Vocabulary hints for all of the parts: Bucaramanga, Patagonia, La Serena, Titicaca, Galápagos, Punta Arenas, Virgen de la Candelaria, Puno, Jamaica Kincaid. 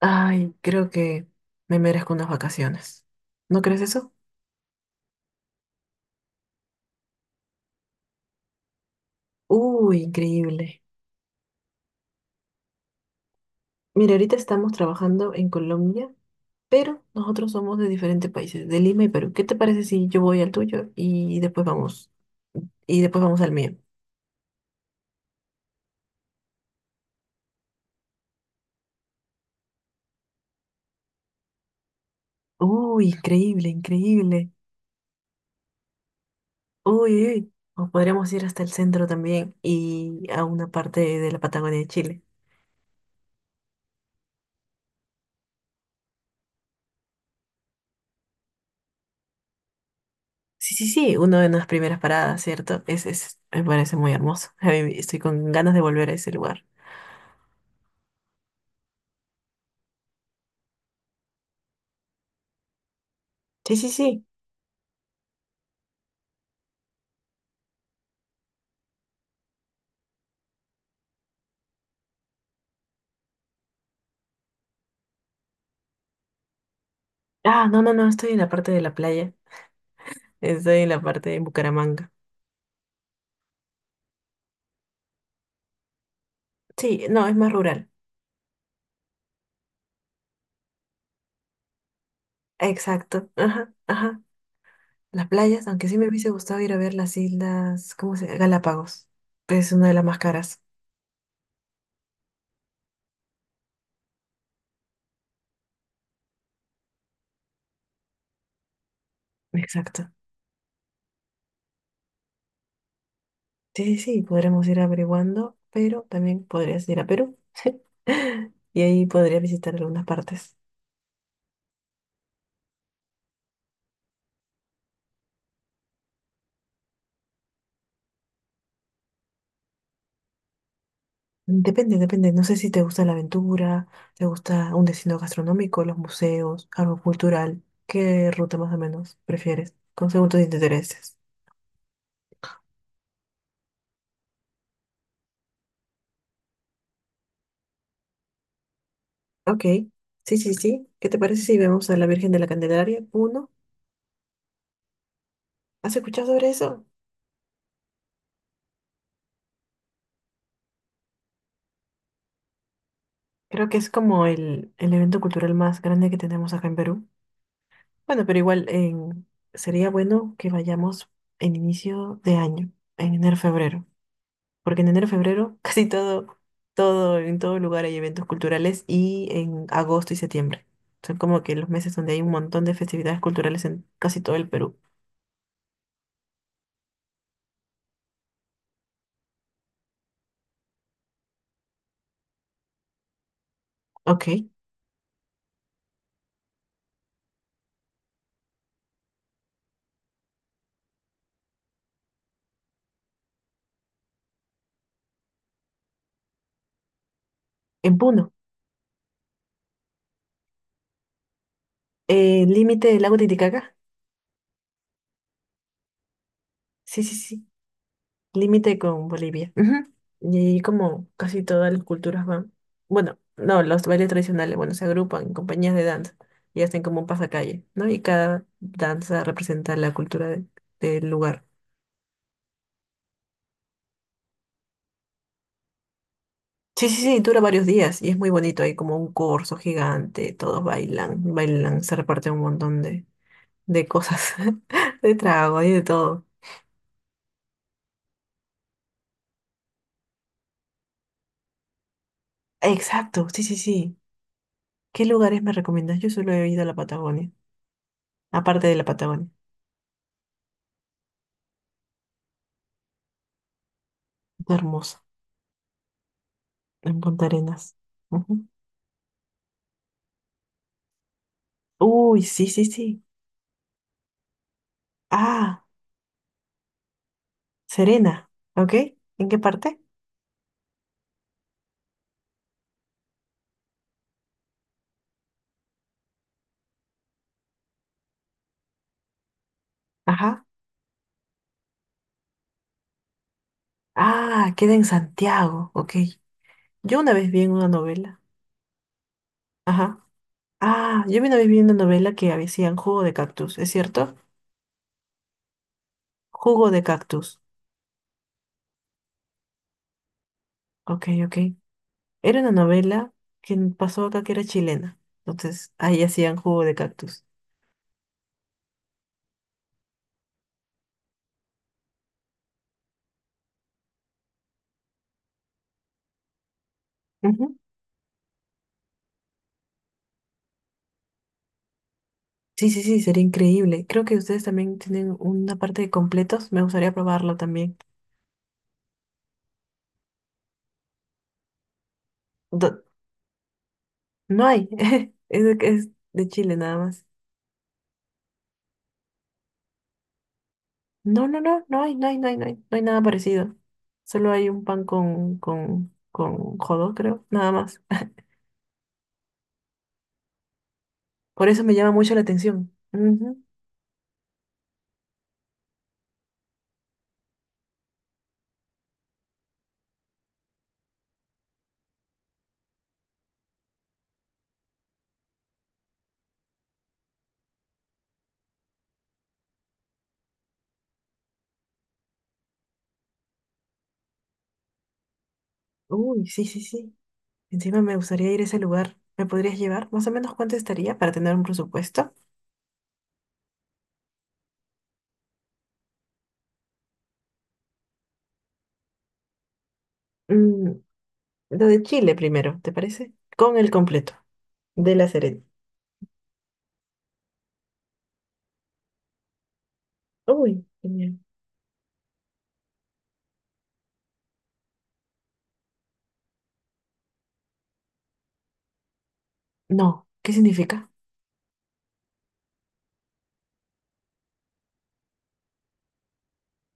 Ay, creo que me merezco unas vacaciones. ¿No crees eso? Uy, increíble. Mira, ahorita estamos trabajando en Colombia, pero nosotros somos de diferentes países, de Lima y Perú. ¿Qué te parece si yo voy al tuyo y después vamos al mío? Uy, increíble, increíble. Uy, uy, uy. O podríamos ir hasta el centro también y a una parte de la Patagonia de Chile. Sí, sí, sí, una de las primeras paradas, ¿cierto? Me parece muy hermoso. A mí estoy con ganas de volver a ese lugar. Sí, sí, sí. Ah, no, no, no, estoy en la parte de la playa. Estoy en la parte de Bucaramanga. Sí, no, es más rural. Exacto. Ajá, ajá. Las playas, aunque sí me hubiese gustado ir a ver las islas, ¿cómo se Galápagos. Es una de las más caras. Exacto. Sí, sí, sí, podremos ir averiguando, pero también podrías ir a Perú. Y ahí podrías visitar algunas partes. Depende, depende. No sé si te gusta la aventura, te gusta un destino gastronómico, los museos, algo cultural. ¿Qué ruta más o menos prefieres? Con según tus intereses. Ok. Sí, sí, sí. ¿Qué te parece si vemos a la Virgen de la Candelaria? Uno. ¿Has escuchado sobre eso? Creo que es como el evento cultural más grande que tenemos acá en Perú. Bueno, pero igual en, sería bueno que vayamos en inicio de año, en enero, febrero. Porque en enero, febrero, casi todo, todo, en todo lugar hay eventos culturales y en agosto y septiembre. Son como que los meses donde hay un montón de festividades culturales en casi todo el Perú. Ok, en Puno. Límite del lago Titicaca. Sí, sí, sí. Límite con Bolivia. Ujú. Y ahí como casi todas las culturas van. Bueno, no, los bailes tradicionales, bueno, se agrupan en compañías de danza y hacen como un pasacalle, ¿no? Y cada danza representa la cultura de, del lugar. Sí, sí, sí, dura varios días y es muy bonito. Hay como un corso gigante, todos bailan, bailan, se reparten un montón de cosas, de trago y de todo. Exacto, sí, sí, sí. ¿Qué lugares me recomiendas? Yo solo he ido a la Patagonia, aparte de la Patagonia. Está hermosa, en Punta Arenas. Ujú. Uy, sí, sí, sí. Ah, Serena, ¿ok? ¿En qué parte? Ajá. Ah, queda en Santiago, ok. Yo una vez vi en una novela. Ajá. Ah, yo me una vez vi una novela que decían jugo de cactus, ¿es cierto? Jugo de cactus. Ok, ok. Era una novela que pasó acá que era chilena. Entonces, ahí hacían jugo de cactus. Ujú. Sí, sí, sí, sería increíble. Creo que ustedes también tienen una parte de completos. Me gustaría probarlo también. Do- no hay. Es de Chile nada más. No, no, no, no hay, no hay, no hay, no hay. No hay nada parecido. Solo hay un pan con jodo, creo. Nada más. Por eso me llama mucho la atención. Ujú. Uy, sí, sí, sí. Encima me gustaría ir a ese lugar. ¿Me podrías llevar? Más o menos cuánto estaría para tener un presupuesto. Mm, lo de Chile primero, ¿te parece? Con el completo. De la Serena. Uy, genial. No, ¿qué significa?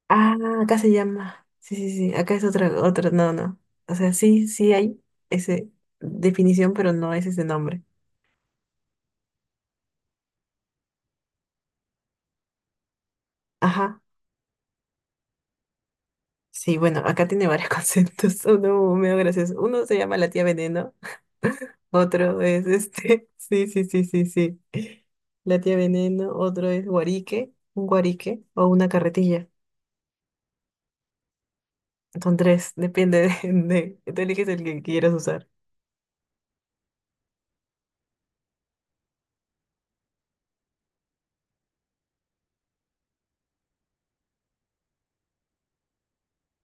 Ah, acá se llama. Sí, sí, sí. Acá es otra, otra. No, no. O sea, sí, sí hay esa definición, pero no es ese nombre. Ajá. Sí, bueno, acá tiene varios conceptos. Uno medio gracioso. Uno se llama la tía Veneno. Otro es este. Sí, sí, sí, sí, sí. La tía Veneno. Otro es guarique. Un guarique o una carretilla. Son tres. Depende de, de. Tú eliges el que quieras usar.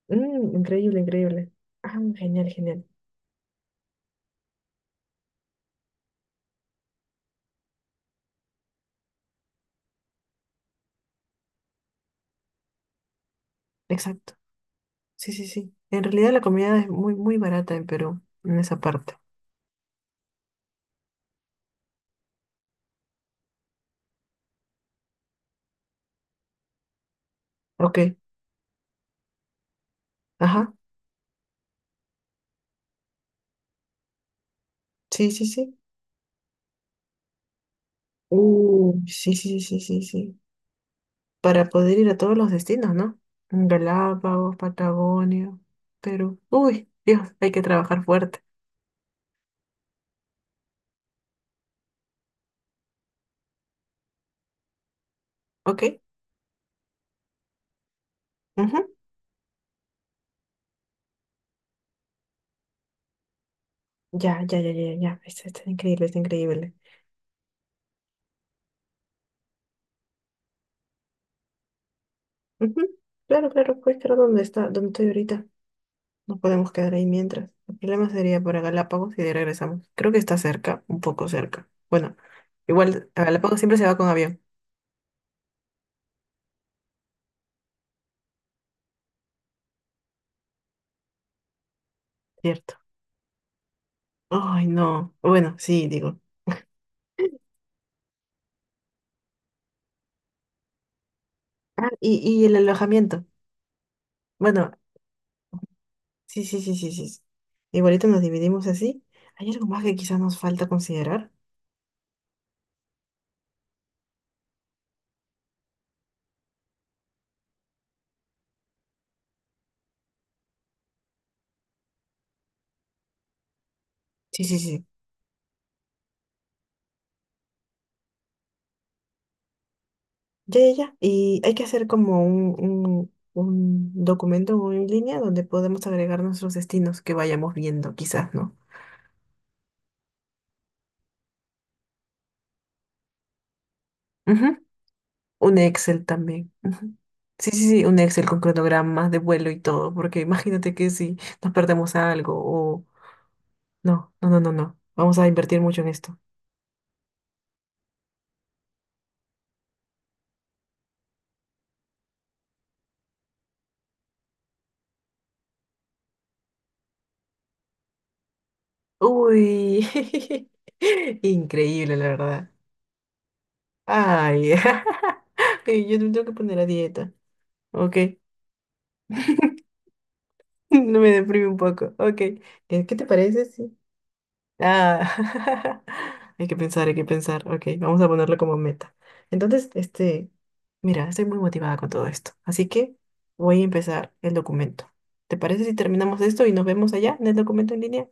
Mm, increíble, increíble. Ah, genial, genial. Exacto. Sí, sí, sí. En realidad la comida es muy, muy barata en Perú, en esa parte. Ok. Ajá. Sí, sí, sí. Sí, sí, sí, sí, sí. Para poder ir a todos los destinos, ¿no? Galápagos, Patagonia, Perú. Uy, Dios, hay que trabajar fuerte, ¿ok? Ujú. Ya, ya, ya, ya, ya. Está, está increíble, está increíble. Ujú. Claro, claro, puedes quedar dónde está, ¿dónde estoy ahorita? No podemos quedar ahí mientras. El problema sería para Galápagos y de ahí regresamos. Creo que está cerca, un poco cerca. Bueno, igual a Galápagos siempre se va con avión, ¿cierto? Ay, no. Bueno, sí, digo. Ah, y el alojamiento. Bueno, sí, sí, sí, sí, sí, sí. Igualito nos dividimos así. ¿Hay algo más que quizás nos falta considerar? Sí, sí, sí. Ya, ya, ya. Y hay que hacer como un documento o en línea donde podemos agregar nuestros destinos que vayamos viendo, quizás, ¿no? Ujú. Un Excel también, ujú. Sí, sí, sí, un Excel con cronogramas de vuelo y todo, porque imagínate que si nos perdemos algo o... no, no, no, no, no. Vamos a invertir mucho en esto. Uy, increíble, la verdad. Ay, ay, yo me tengo que poner a dieta. Ok, no me deprime un poco. Ok, ¿qué te parece? Sí. Ah, hay que pensar, hay que pensar. Ok, vamos a ponerlo como meta. Entonces, este, mira, estoy muy motivada con todo esto. Así que voy a empezar el documento. ¿Te parece si terminamos esto y nos vemos allá en el documento en línea?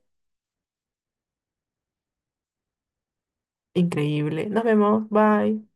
Increíble. Nos vemos. Bye.